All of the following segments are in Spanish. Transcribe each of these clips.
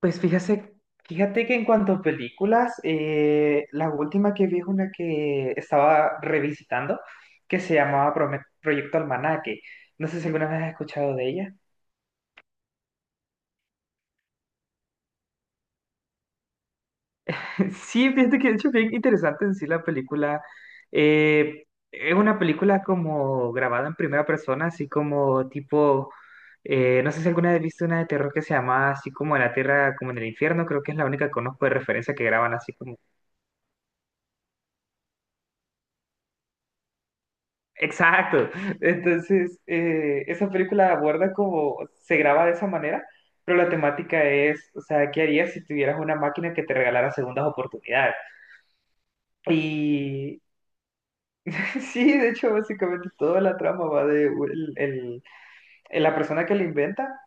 Pues fíjate, que en cuanto a películas, la última que vi es una que estaba revisitando, que se llamaba Proyecto Almanaque. No sé si alguna vez has escuchado de ella. Sí, fíjate que de hecho bien interesante en sí la película. Eh, es una película como grabada en primera persona, así como tipo, no sé si alguna vez has visto una de terror que se llama así como en la tierra, como en el infierno, creo que es la única que conozco de referencia que graban así como... Exacto. Entonces, esa película aborda como se graba de esa manera, pero la temática es, o sea, ¿qué harías si tuvieras una máquina que te regalara segundas oportunidades? Y sí, de hecho, básicamente toda la trama va la persona que lo inventa.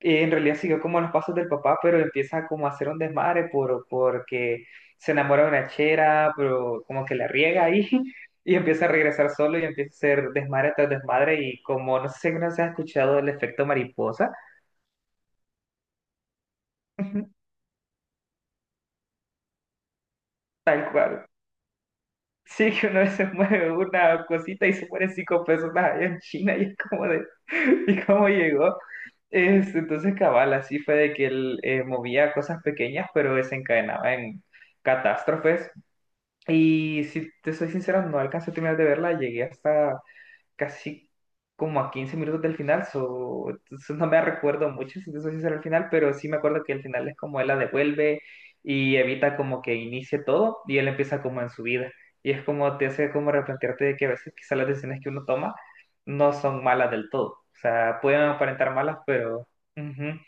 En realidad siguió como los pasos del papá, pero empieza como a hacer un desmadre porque se enamora de una chera, pero como que la riega ahí. Y empieza a regresar solo y empieza a hacer desmadre tras desmadre y como no sé si alguna vez has escuchado el efecto mariposa. Tal cual. Sí, que una vez se mueve una cosita y se mueren cinco personas allá en China y es como de, ¿y cómo llegó? Este, entonces cabal, así fue de que él movía cosas pequeñas pero desencadenaba en catástrofes, y si te soy sincero no alcancé a terminar de verla, llegué hasta casi como a 15 minutos del final, so, entonces no me recuerdo mucho si te soy sincero al final, pero sí me acuerdo que el final es como él la devuelve y evita como que inicie todo y él empieza como en su vida. Y es como te hace como replantearte de que a veces quizás las decisiones que uno toma no son malas del todo. O sea, pueden aparentar malas, pero... ujú.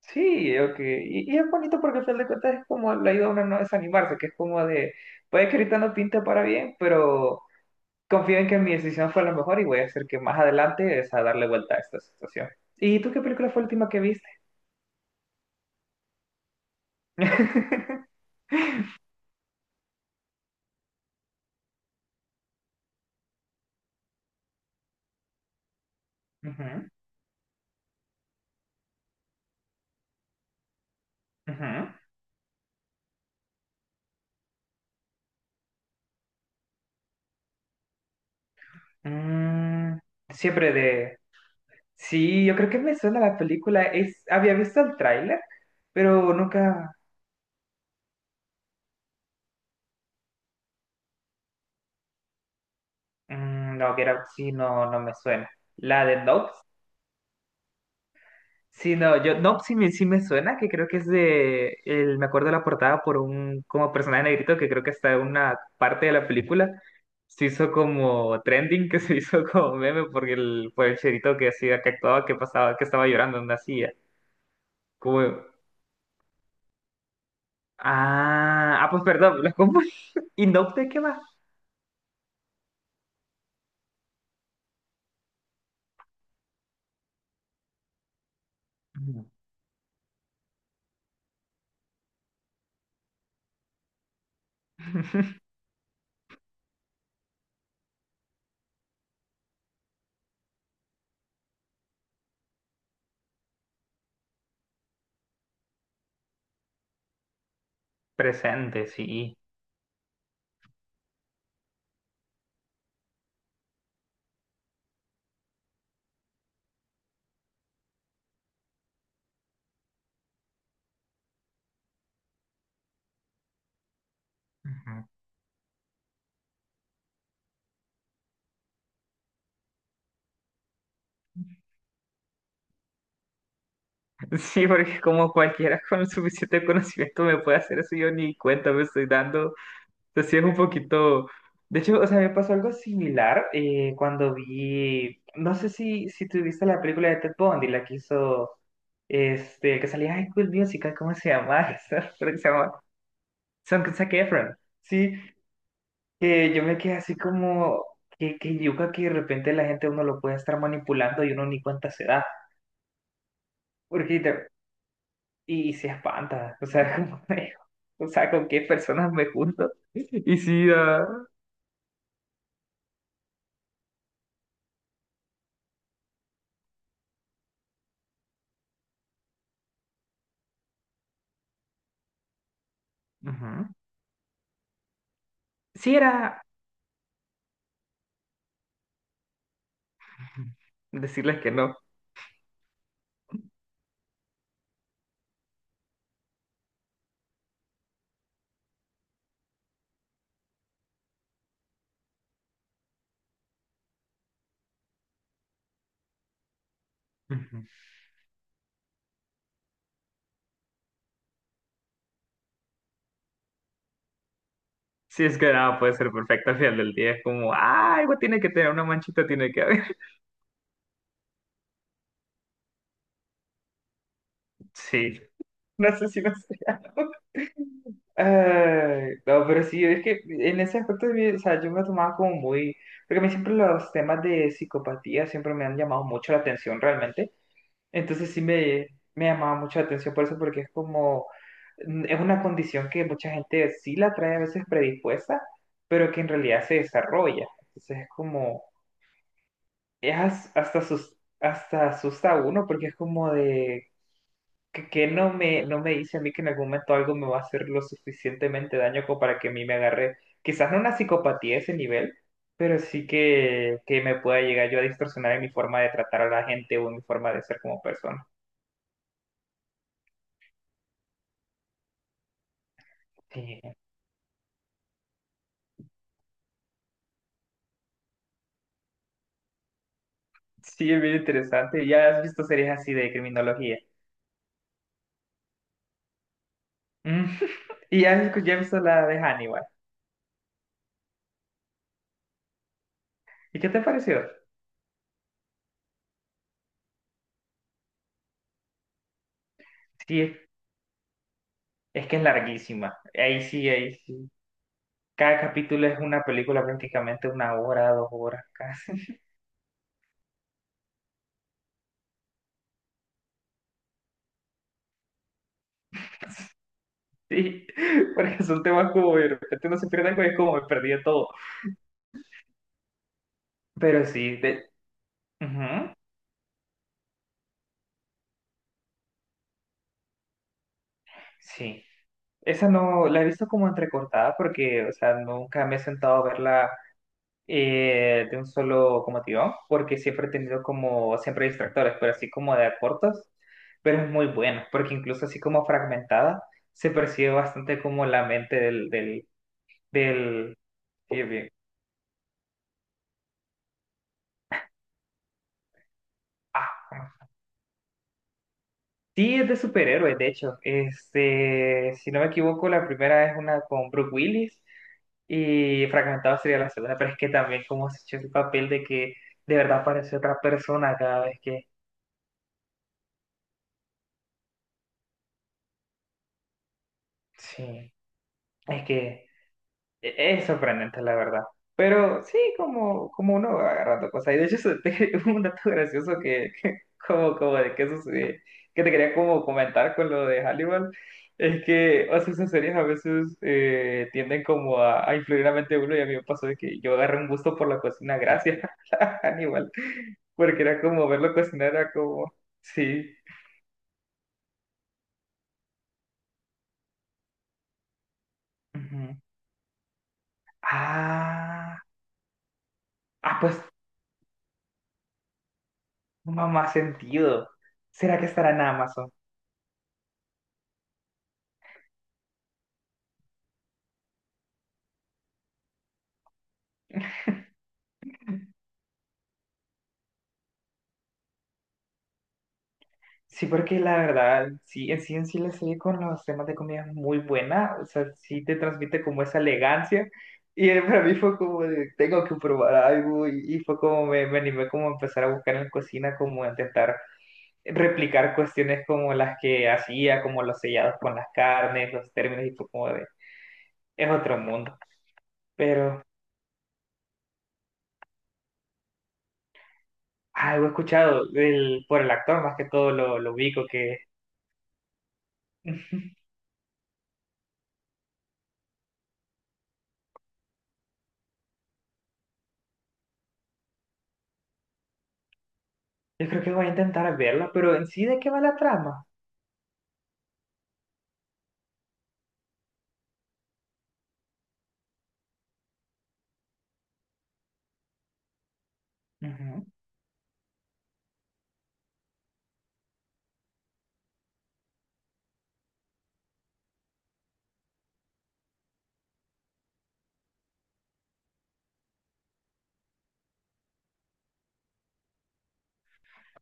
Sí, ok. Y es bonito porque al final de cuentas es como le ayuda a uno a no desanimarse, que es como de, puede que ahorita no pinte para bien, pero confío en que mi decisión fue la mejor y voy a hacer que más adelante es a darle vuelta a esta situación. ¿Y tú qué película fue la última que viste? Ujú, ujú. Mm, siempre de... Sí, yo creo que me suena la película. Es... había visto el tráiler, pero nunca... Mm, no, que era... Sí, no, no me suena. La de Nope. Sí, no, yo, no, sí me suena, que creo que es de, el, me acuerdo de la portada por un, como personaje negrito, que creo que está en una parte de la película, se hizo como trending, que se hizo como meme, porque el, por el cherito que hacía, que actuaba, que pasaba, que estaba llorando, no hacía, como, ah, pues perdón, lo confundí. ¿Y Nope de qué va? Ujú. Presente, sí. Ujú. Sí, porque como cualquiera con el suficiente conocimiento me puede hacer eso, yo ni cuenta me estoy dando. Entonces sí es un poquito... De hecho, o sea, me pasó algo similar cuando vi... No sé si tú viste la película de Ted Bundy, la que hizo... Este, que salía High School Musical, ¿cómo se llama? Esa, creo que se llama... Son con Zac Efron. Sí, que yo me quedé así como... que yuca que de repente la gente uno lo puede estar manipulando y uno ni cuenta se da. Porque te- Y se espanta, o sea, como de, o sea, con qué personas me junto. Y sí, ah, ujú. Sí era decirles que no. Ujú. Sí, es que nada puede ser perfecto al final del día. Es como, ah, algo tiene que tener, una manchita tiene que haber. Sí, no sé si no sé. Ay, no, pero sí, es que en ese aspecto de mí, o sea, yo me tomaba como muy, porque a mí siempre los temas de psicopatía siempre me han llamado mucho la atención realmente. Entonces sí me llamaba mucho la atención por eso, porque es como, mm, es una condición que mucha gente sí la trae a veces predispuesta, pero que en realidad se desarrolla. Entonces es como, es hasta, sus, hasta asusta a uno, porque es como de, que no me dice a mí que en algún momento algo me va a hacer lo suficientemente daño como para que a mí me agarre, quizás no una psicopatía a ese nivel, pero sí que me pueda llegar yo a distorsionar en mi forma de tratar a la gente o en mi forma de ser como persona. Sí. Sí, es bien interesante. ¿Ya has visto series así de criminología? Mm. ¿Y ya has, ya has visto la de Hannibal? ¿Y qué te pareció? Sí, es que es larguísima. Ahí sí, ahí sí. Cada capítulo es una película prácticamente una hora, 2 horas casi. Sí, porque son temas como de repente no se pierde algo y es como me perdí de todo. Pero sí, de... ujú, sí. Esa no, la he visto como entrecortada porque, o sea, nunca me he sentado a verla de un solo como tirón, porque siempre he tenido como, siempre distractores, pero así como de a cortos, pero es muy bueno, porque incluso así como fragmentada, se percibe bastante como la mente del, bien, ah, sí es de superhéroes, de hecho, este, si no me equivoco, la primera es una con Brooke Willis, y fragmentado sería la segunda, pero es que también como se echó el papel de que de verdad parece otra persona cada vez que... Sí, es que E- es sorprendente, la verdad. Pero sí, como, como uno va agarrando cosas. Y de hecho, eso te- un dato gracioso como, como de que eso se- que te quería como comentar con lo de Hannibal, es que, o sea, esas series a veces tienden como a influir la mente de uno y a mí me pasó de que yo agarré un gusto por la cocina gracias a Hannibal, porque era como verlo cocinar, era como, sí. Ujú. Ah, ah, pues, no más sentido. ¿Será que estará en Amazon? Sí, porque la verdad, sí, en sí en sí la serie con los temas de comida es muy buena, o sea, sí te transmite como esa elegancia, y para mí fue como de, tengo que probar algo, y fue como me animé como a empezar a buscar en la cocina, como a intentar replicar cuestiones como las que hacía, como los sellados con las carnes, los términos, y fue como de, es otro mundo, pero algo he escuchado del, por el actor, más que todo lo ubico, que yo creo que voy a intentar verla, pero en sí, ¿de qué va la trama? Ujú.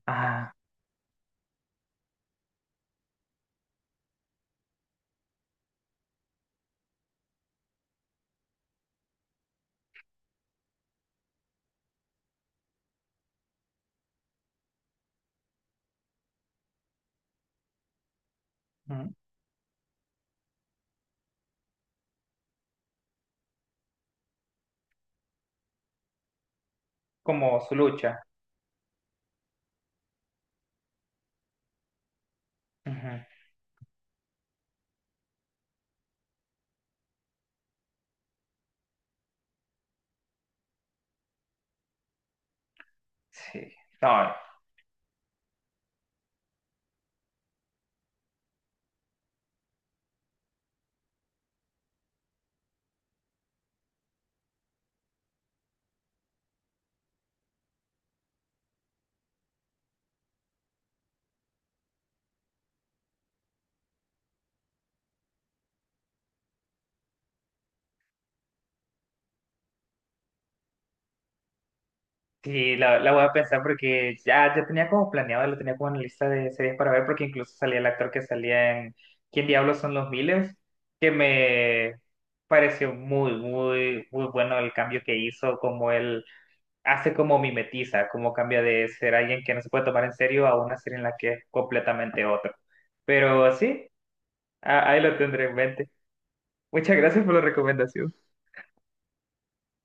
Ah, ujú, como su lucha. Ujú, sí, no, sí, la voy a pensar porque ya, ya tenía como planeado, lo tenía como en la lista de series para ver, porque incluso salía el actor que salía en ¿Quién diablos son los Millers? Que me pareció muy, muy, muy bueno el cambio que hizo, como él hace como mimetiza, como cambia de ser alguien que no se puede tomar en serio a una serie en la que es completamente otro. Pero sí, ahí lo tendré en mente. Muchas gracias por la recomendación.